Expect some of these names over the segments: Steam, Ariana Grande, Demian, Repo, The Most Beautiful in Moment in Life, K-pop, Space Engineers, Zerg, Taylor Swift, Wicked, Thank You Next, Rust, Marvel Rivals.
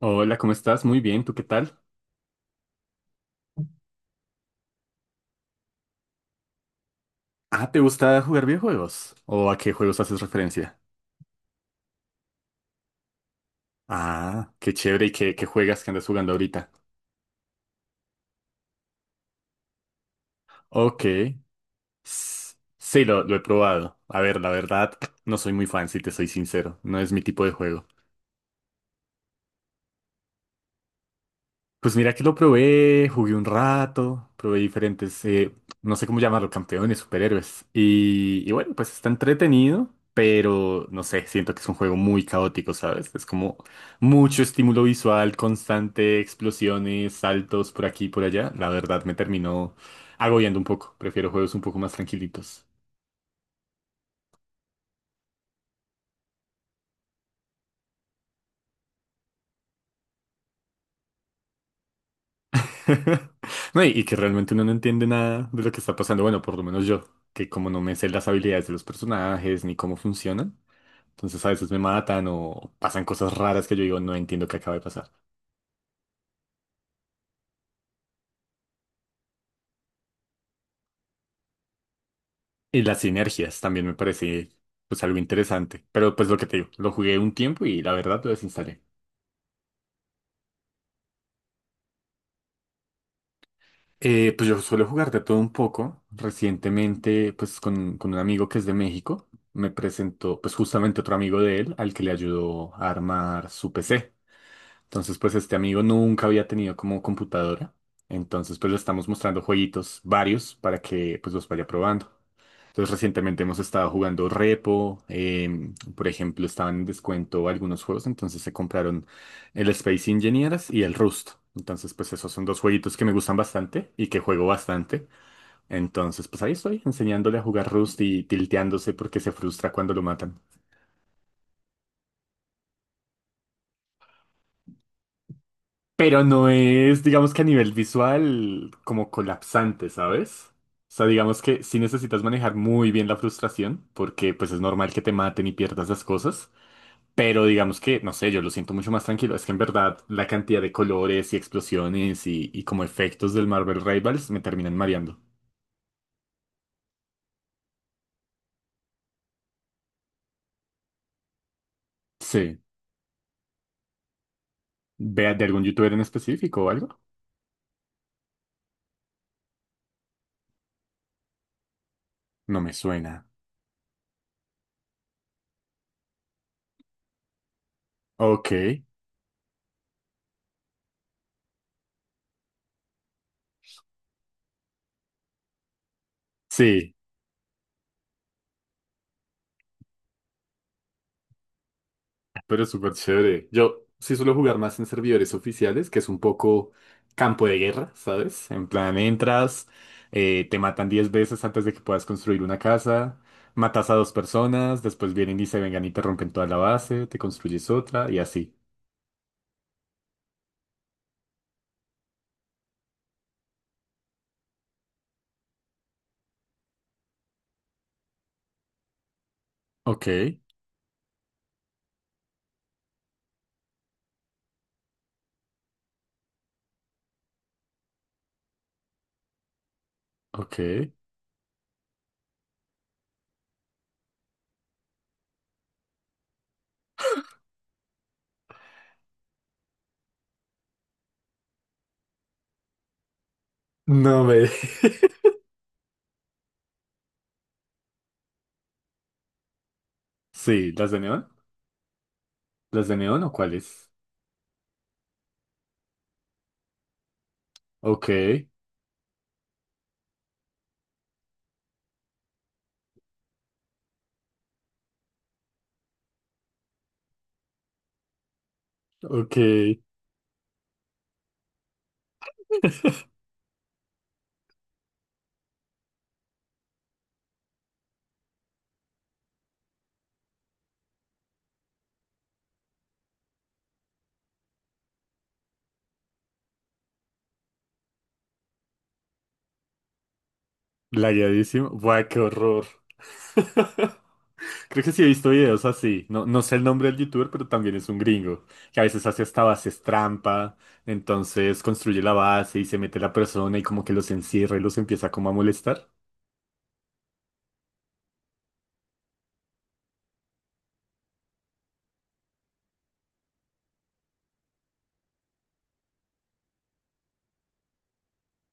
Hola, ¿cómo estás? Muy bien, ¿tú qué tal? Ah, ¿te gusta jugar videojuegos? ¿O a qué juegos haces referencia? Ah, qué chévere y qué juegas que andas jugando ahorita. Ok. S- Sí, lo he probado. A ver, la verdad, no soy muy fan, si te soy sincero. No es mi tipo de juego. Pues mira que lo probé, jugué un rato, probé diferentes, no sé cómo llamarlo, campeones, superhéroes. Y bueno, pues está entretenido, pero no sé, siento que es un juego muy caótico, ¿sabes? Es como mucho estímulo visual, constante, explosiones, saltos por aquí y por allá. La verdad me terminó agobiando un poco. Prefiero juegos un poco más tranquilitos. No, y que realmente uno no entiende nada de lo que está pasando. Bueno, por lo menos yo, que como no me sé las habilidades de los personajes ni cómo funcionan. Entonces a veces me matan o pasan cosas raras que yo digo, no entiendo qué acaba de pasar. Y las sinergias también me parece pues algo interesante. Pero pues lo que te digo, lo jugué un tiempo y la verdad lo desinstalé. Pues yo suelo jugar de todo un poco. Recientemente pues con un amigo que es de México me presentó pues justamente otro amigo de él al que le ayudó a armar su PC. Entonces pues este amigo nunca había tenido como computadora. Entonces pues le estamos mostrando jueguitos varios para que pues los vaya probando. Entonces, recientemente hemos estado jugando Repo, por ejemplo, estaban en descuento algunos juegos, entonces se compraron el Space Engineers y el Rust. Entonces, pues esos son dos jueguitos que me gustan bastante y que juego bastante. Entonces, pues ahí estoy enseñándole a jugar Rust y tilteándose porque se frustra cuando lo matan. Pero no es, digamos que a nivel visual, como colapsante, ¿sabes? O sea, digamos que sí necesitas manejar muy bien la frustración, porque pues es normal que te maten y pierdas las cosas. Pero digamos que, no sé, yo lo siento mucho más tranquilo. Es que en verdad la cantidad de colores y explosiones y como efectos del Marvel Rivals me terminan mareando. Sí. ¿Vea de algún youtuber en específico o algo? No me suena. Ok. Sí. Pero es súper chévere. Yo sí suelo jugar más en servidores oficiales, que es un poco campo de guerra, ¿sabes? En plan, entras, te matan 10 veces antes de que puedas construir una casa, matas a dos personas, después vienen y se vengan y te rompen toda la base, te construyes otra y así. Ok, ok. No me... Sí, ¿las de neón? ¿Las de neón o cuáles? Ok, ok. Lagueadísimo. Buah, qué horror. Creo que sí he visto videos así. No, no sé el nombre del youtuber, pero también es un gringo, que a veces hace hasta bases trampa, entonces construye la base y se mete la persona y como que los encierra y los empieza como a molestar.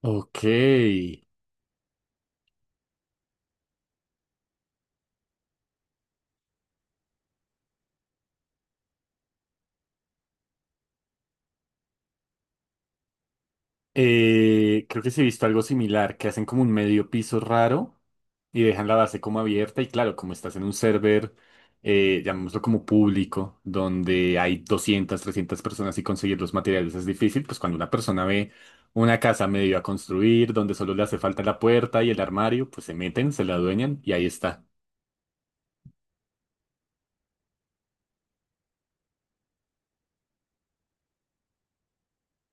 Ok. Creo que sí he visto algo similar, que hacen como un medio piso raro y dejan la base como abierta y claro, como estás en un server, llamémoslo como público, donde hay 200 300 personas y conseguir los materiales es difícil, pues cuando una persona ve una casa medio a construir, donde solo le hace falta la puerta y el armario, pues se meten, se la adueñan y ahí está.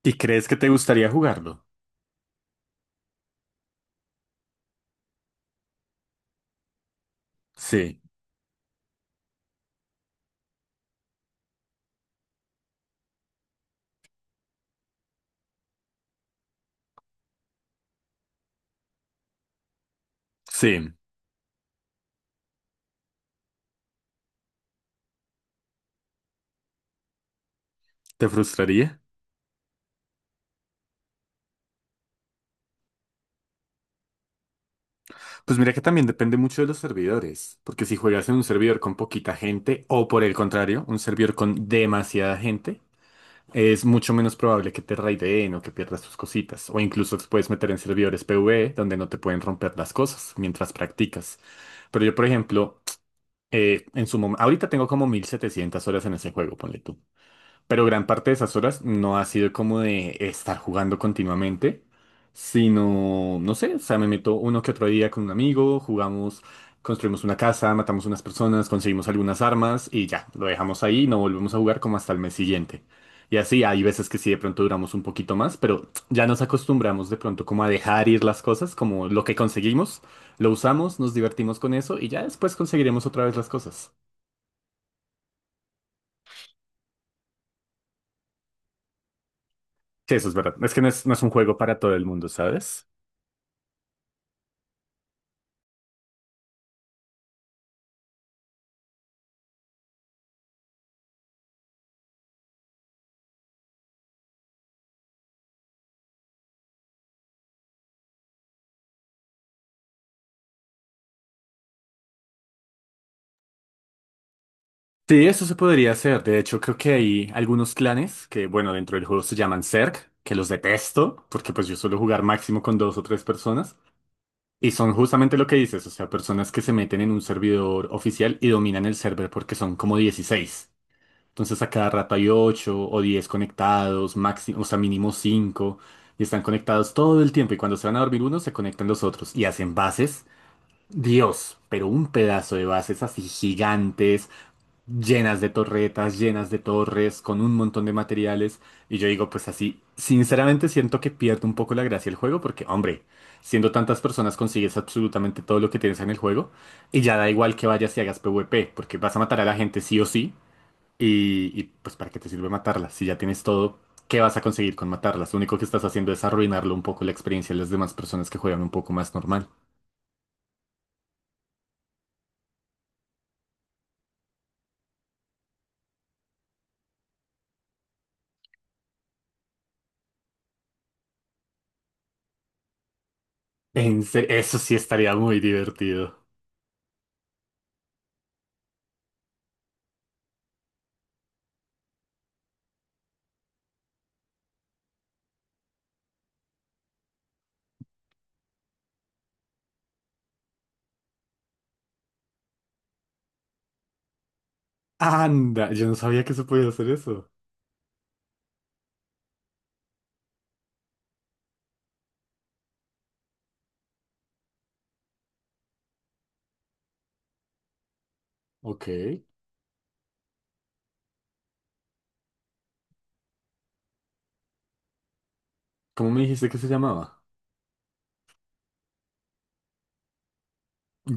¿Y crees que te gustaría jugarlo? Sí, sí, ¿te frustraría? Pues mira que también depende mucho de los servidores, porque si juegas en un servidor con poquita gente o por el contrario, un servidor con demasiada gente, es mucho menos probable que te raideen o que pierdas tus cositas, o incluso te puedes meter en servidores PvE donde no te pueden romper las cosas mientras practicas. Pero yo, por ejemplo, en su momento, ahorita tengo como 1.700 horas en ese juego, ponle tú. Pero gran parte de esas horas no ha sido como de estar jugando continuamente, sino, no sé, o sea, me meto uno que otro día con un amigo, jugamos, construimos una casa, matamos unas personas, conseguimos algunas armas y ya, lo dejamos ahí y no volvemos a jugar como hasta el mes siguiente. Y así, hay veces que sí, de pronto duramos un poquito más, pero ya nos acostumbramos de pronto como a dejar ir las cosas, como lo que conseguimos, lo usamos, nos divertimos con eso y ya después conseguiremos otra vez las cosas. Sí, eso es verdad. Es que no es, no es un juego para todo el mundo, ¿sabes? Sí, eso se podría hacer. De hecho, creo que hay algunos clanes que, bueno, dentro del juego se llaman Zerg, que los detesto, porque pues yo suelo jugar máximo con dos o tres personas. Y son justamente lo que dices, o sea, personas que se meten en un servidor oficial y dominan el server porque son como 16. Entonces a cada rato hay 8 o 10 conectados, máximo, o sea, mínimo 5 y están conectados todo el tiempo. Y cuando se van a dormir unos, se conectan los otros y hacen bases. Dios, pero un pedazo de bases así gigantes llenas de torretas, llenas de torres, con un montón de materiales. Y yo digo, pues así, sinceramente siento que pierdo un poco la gracia el juego porque, hombre, siendo tantas personas consigues absolutamente todo lo que tienes en el juego y ya da igual que vayas y hagas PvP, porque vas a matar a la gente sí o sí y, pues ¿para qué te sirve matarla? Si ya tienes todo, ¿qué vas a conseguir con matarlas? Lo único que estás haciendo es arruinarlo un poco la experiencia de las demás personas que juegan un poco más normal. Eso sí estaría muy divertido. Anda, yo no sabía que se podía hacer eso. Ok. ¿Cómo me dijiste que se llamaba?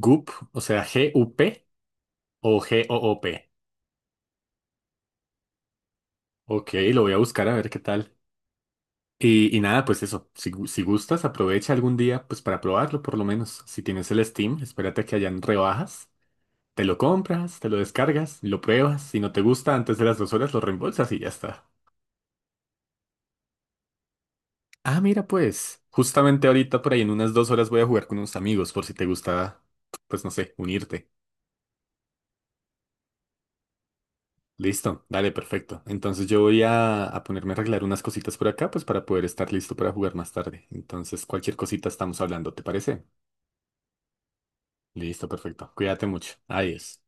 Goop, o sea, GUP o GOOP. Ok, lo voy a buscar a ver qué tal. Y nada, pues eso, si gustas, aprovecha algún día, pues para probarlo por lo menos. Si tienes el Steam, espérate a que hayan rebajas, te lo compras, te lo descargas, lo pruebas. Si no te gusta, antes de las 2 horas lo reembolsas y ya está. Ah, mira, pues, justamente ahorita por ahí en unas 2 horas voy a jugar con unos amigos, por si te gusta, pues no sé, unirte. Listo, dale, perfecto. Entonces yo voy a ponerme a arreglar unas cositas por acá, pues para poder estar listo para jugar más tarde. Entonces cualquier cosita estamos hablando, ¿te parece? Listo, perfecto. Cuídate mucho. Adiós.